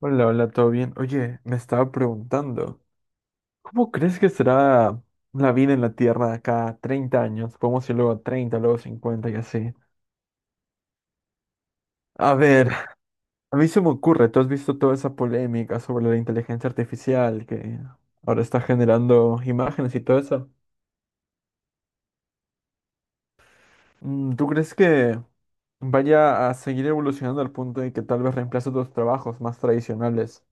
Hola, hola, ¿todo bien? Oye, me estaba preguntando, ¿cómo crees que será la vida en la Tierra de acá a 30 años? Podemos ir luego a 30, luego a 50 y así. A ver, a mí se me ocurre, tú has visto toda esa polémica sobre la inteligencia artificial que ahora está generando imágenes y todo eso. ¿Tú crees que vaya a seguir evolucionando al punto de que tal vez reemplace otros trabajos más tradicionales,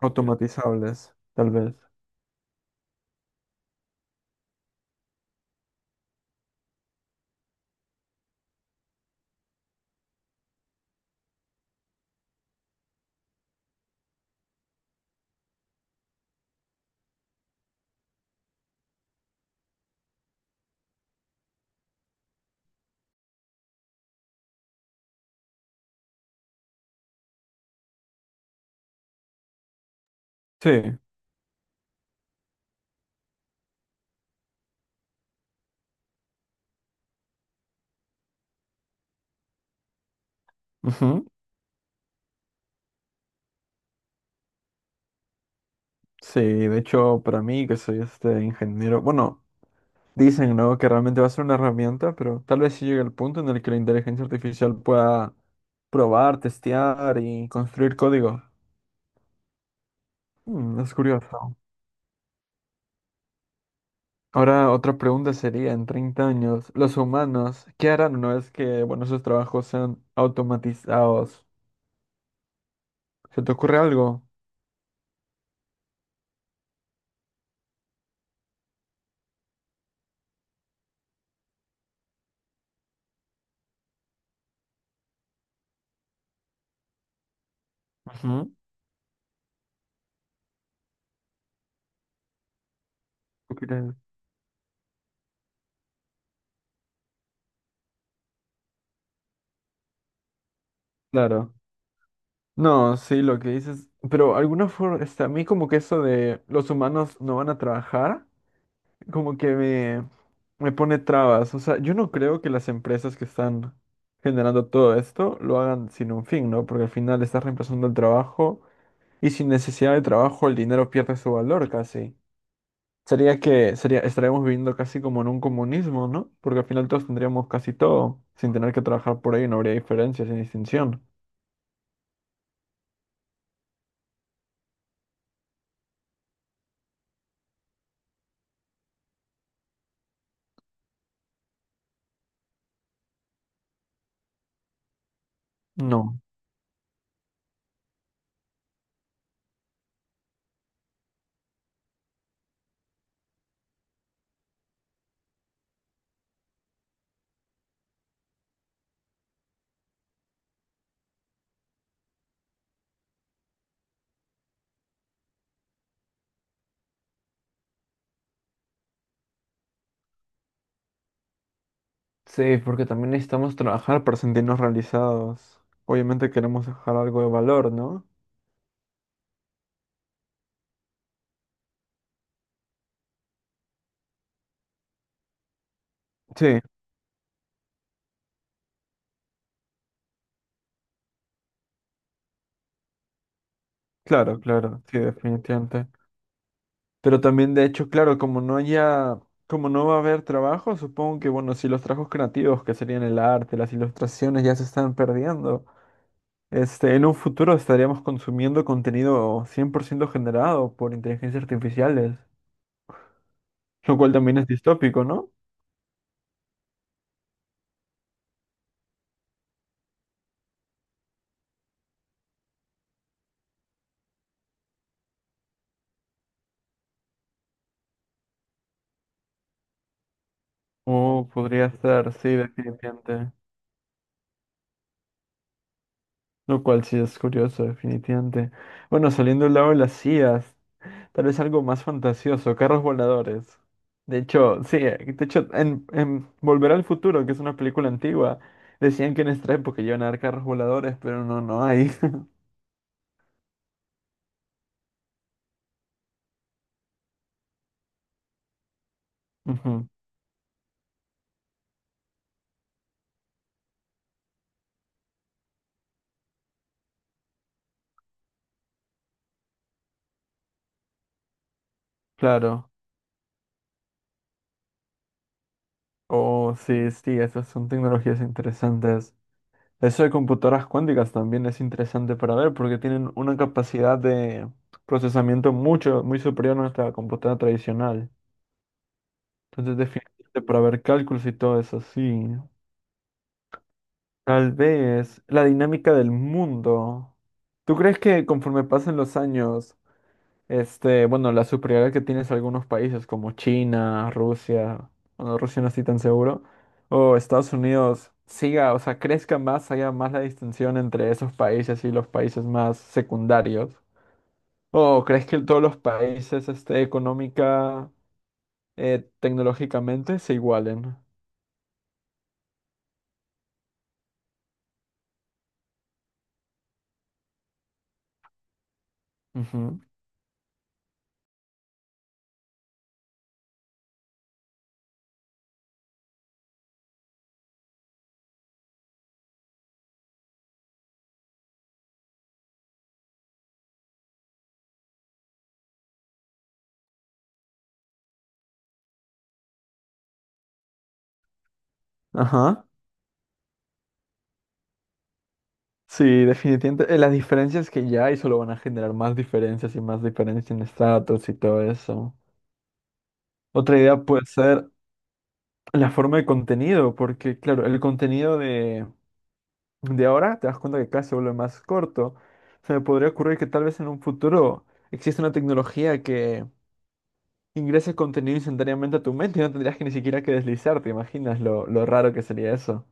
automatizables, tal vez? Sí. Sí, de hecho, para mí, que soy este ingeniero, bueno, dicen, ¿no? que realmente va a ser una herramienta, pero tal vez sí llegue el punto en el que la inteligencia artificial pueda probar, testear y construir código. Mm, es curioso. Ahora, otra pregunta sería, en 30 años, ¿los humanos qué harán una vez que, bueno, esos trabajos sean automatizados? ¿Se te ocurre algo? Ujú. ¿Tú crees? Claro. No, sí, lo que dices, pero alguna forma, este, a mí como que eso de los humanos no van a trabajar. Como que me pone trabas. O sea, yo no creo que las empresas que están generando todo esto lo hagan sin un fin, ¿no? Porque al final estás reemplazando el trabajo y sin necesidad de trabajo el dinero pierde su valor casi. Sería que sería, estaríamos viviendo casi como en un comunismo, ¿no? Porque al final todos tendríamos casi todo, sin tener que trabajar por ahí, no habría diferencias sin distinción. No. Sí, porque también necesitamos trabajar para sentirnos realizados. Obviamente queremos dejar algo de valor, ¿no? Sí. Claro, claro, sí, definitivamente. Pero también, de hecho, claro, como no va a haber trabajo, supongo que, bueno, si los trabajos creativos, que serían el arte, las ilustraciones, ya se están perdiendo, este, en un futuro estaríamos consumiendo contenido 100% generado por inteligencias artificiales, lo cual también es distópico, ¿no? O podría estar, sí, definitivamente. Lo cual sí es curioso, definitivamente. Bueno, saliendo del lado de las IAs. Tal vez algo más fantasioso, carros voladores. De hecho, sí, de hecho, en Volver al Futuro, que es una película antigua, decían que en esta época iban a dar carros voladores, pero no, no hay. Ujú, claro. Oh, sí, sí, esas son tecnologías interesantes. Eso de computadoras cuánticas también es interesante para ver porque tienen una capacidad de procesamiento muy superior a nuestra computadora tradicional. Entonces, definitivamente para ver cálculos y todo eso, sí. Tal vez la dinámica del mundo. ¿Tú crees que conforme pasen los años, este, bueno, la superioridad que tienes algunos países como China, Rusia, bueno, Rusia no estoy tan seguro, o Estados Unidos siga, o sea, crezca más, haya más la distinción entre esos países y los países más secundarios? ¿O crees que todos los países, este, económica, tecnológicamente se igualen? Ujú. Ajá. Sí, definitivamente. Las diferencias que ya hay solo van a generar más diferencias y más diferencias en estratos y todo eso. Otra idea puede ser la forma de contenido, porque claro, el contenido de ahora te das cuenta que cada vez se vuelve más corto. Se me podría ocurrir que tal vez en un futuro exista una tecnología que ingrese contenido instantáneamente a tu mente y no tendrías que ni siquiera que deslizar, ¿te imaginas lo raro que sería eso?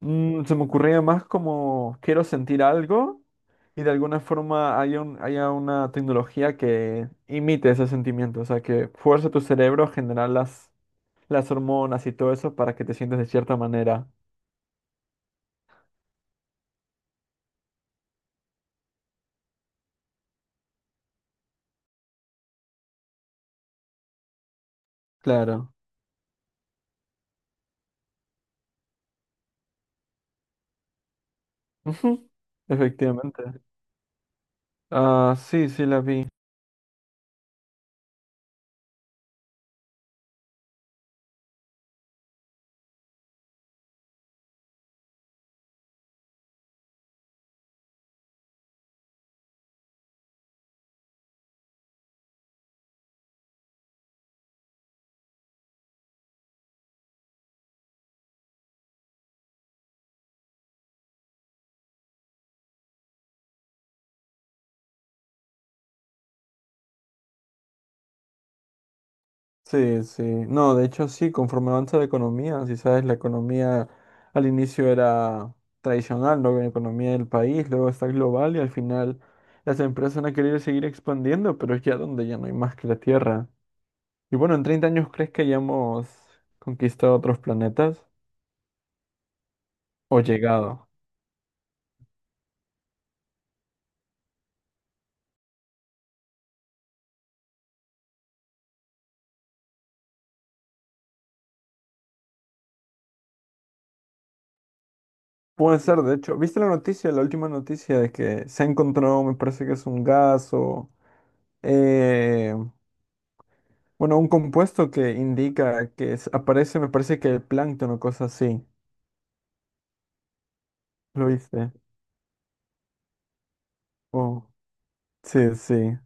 Se me ocurría más como quiero sentir algo. Y de alguna forma haya una tecnología que imite ese sentimiento, o sea, que fuerce tu cerebro a generar las hormonas y todo eso para que te sientas de cierta manera. Claro. Ujú, efectivamente. Ah, sí, sí la vi. Sí, sí. No, de hecho sí, conforme avanza la economía, si sabes, la economía al inicio era tradicional, luego la economía del país, luego está global y al final las empresas van a querer seguir expandiendo, pero es ya donde ya no hay más que la tierra. Y bueno, en 30 años, ¿crees que hayamos conquistado otros planetas o llegado? Puede ser, de hecho, ¿viste la noticia, la última noticia de que se ha encontrado, me parece que es un gas o, eh, bueno, un compuesto que indica que aparece, me parece que el plancton o cosas así. ¿Lo viste? Oh, sí, sí.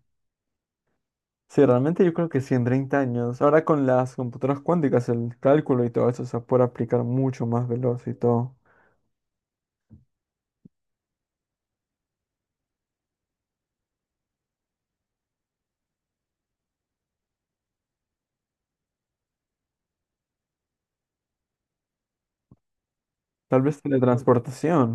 Sí, realmente yo creo que sí, en 30 años. Ahora con las computadoras cuánticas, el cálculo y todo eso se puede aplicar mucho más veloz y todo. Tal vez teletransportación.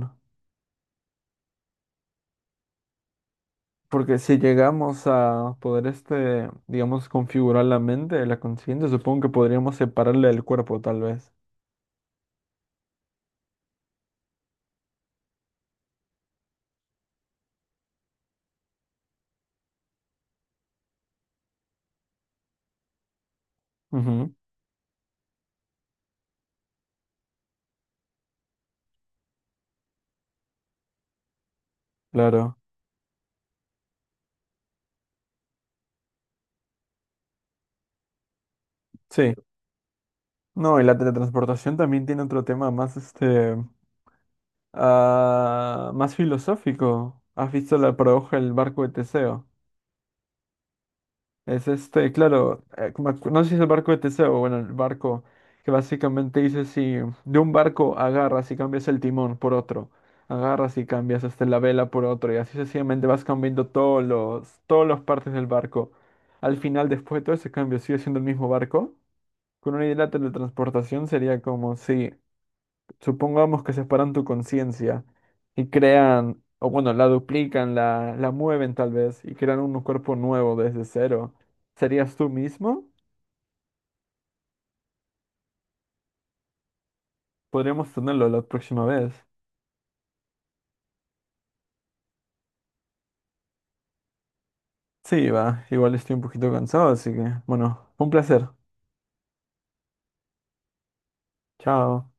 Porque si llegamos a poder, este, digamos, configurar la mente, la conciencia, supongo que podríamos separarla del cuerpo, tal vez. Ujú, claro. Sí. No, y la teletransportación también tiene otro tema más, este, más filosófico. ¿Has visto la paradoja del barco de Teseo? Es este, claro, no sé si es el barco de Teseo, bueno, el barco que básicamente dice si de un barco agarras y cambias el timón por otro, agarras y cambias este, la vela por otro, y así sencillamente vas cambiando todas las partes del barco. Al final, después de todo ese cambio, sigue siendo el mismo barco. Con una idea de teletransportación sería como si supongamos que separan tu conciencia y crean, o bueno, la duplican, la mueven tal vez y crean un cuerpo nuevo desde cero. ¿Serías tú mismo? Podríamos tenerlo la próxima vez. Sí, va, igual estoy un poquito cansado, así que, bueno, un placer. Chao.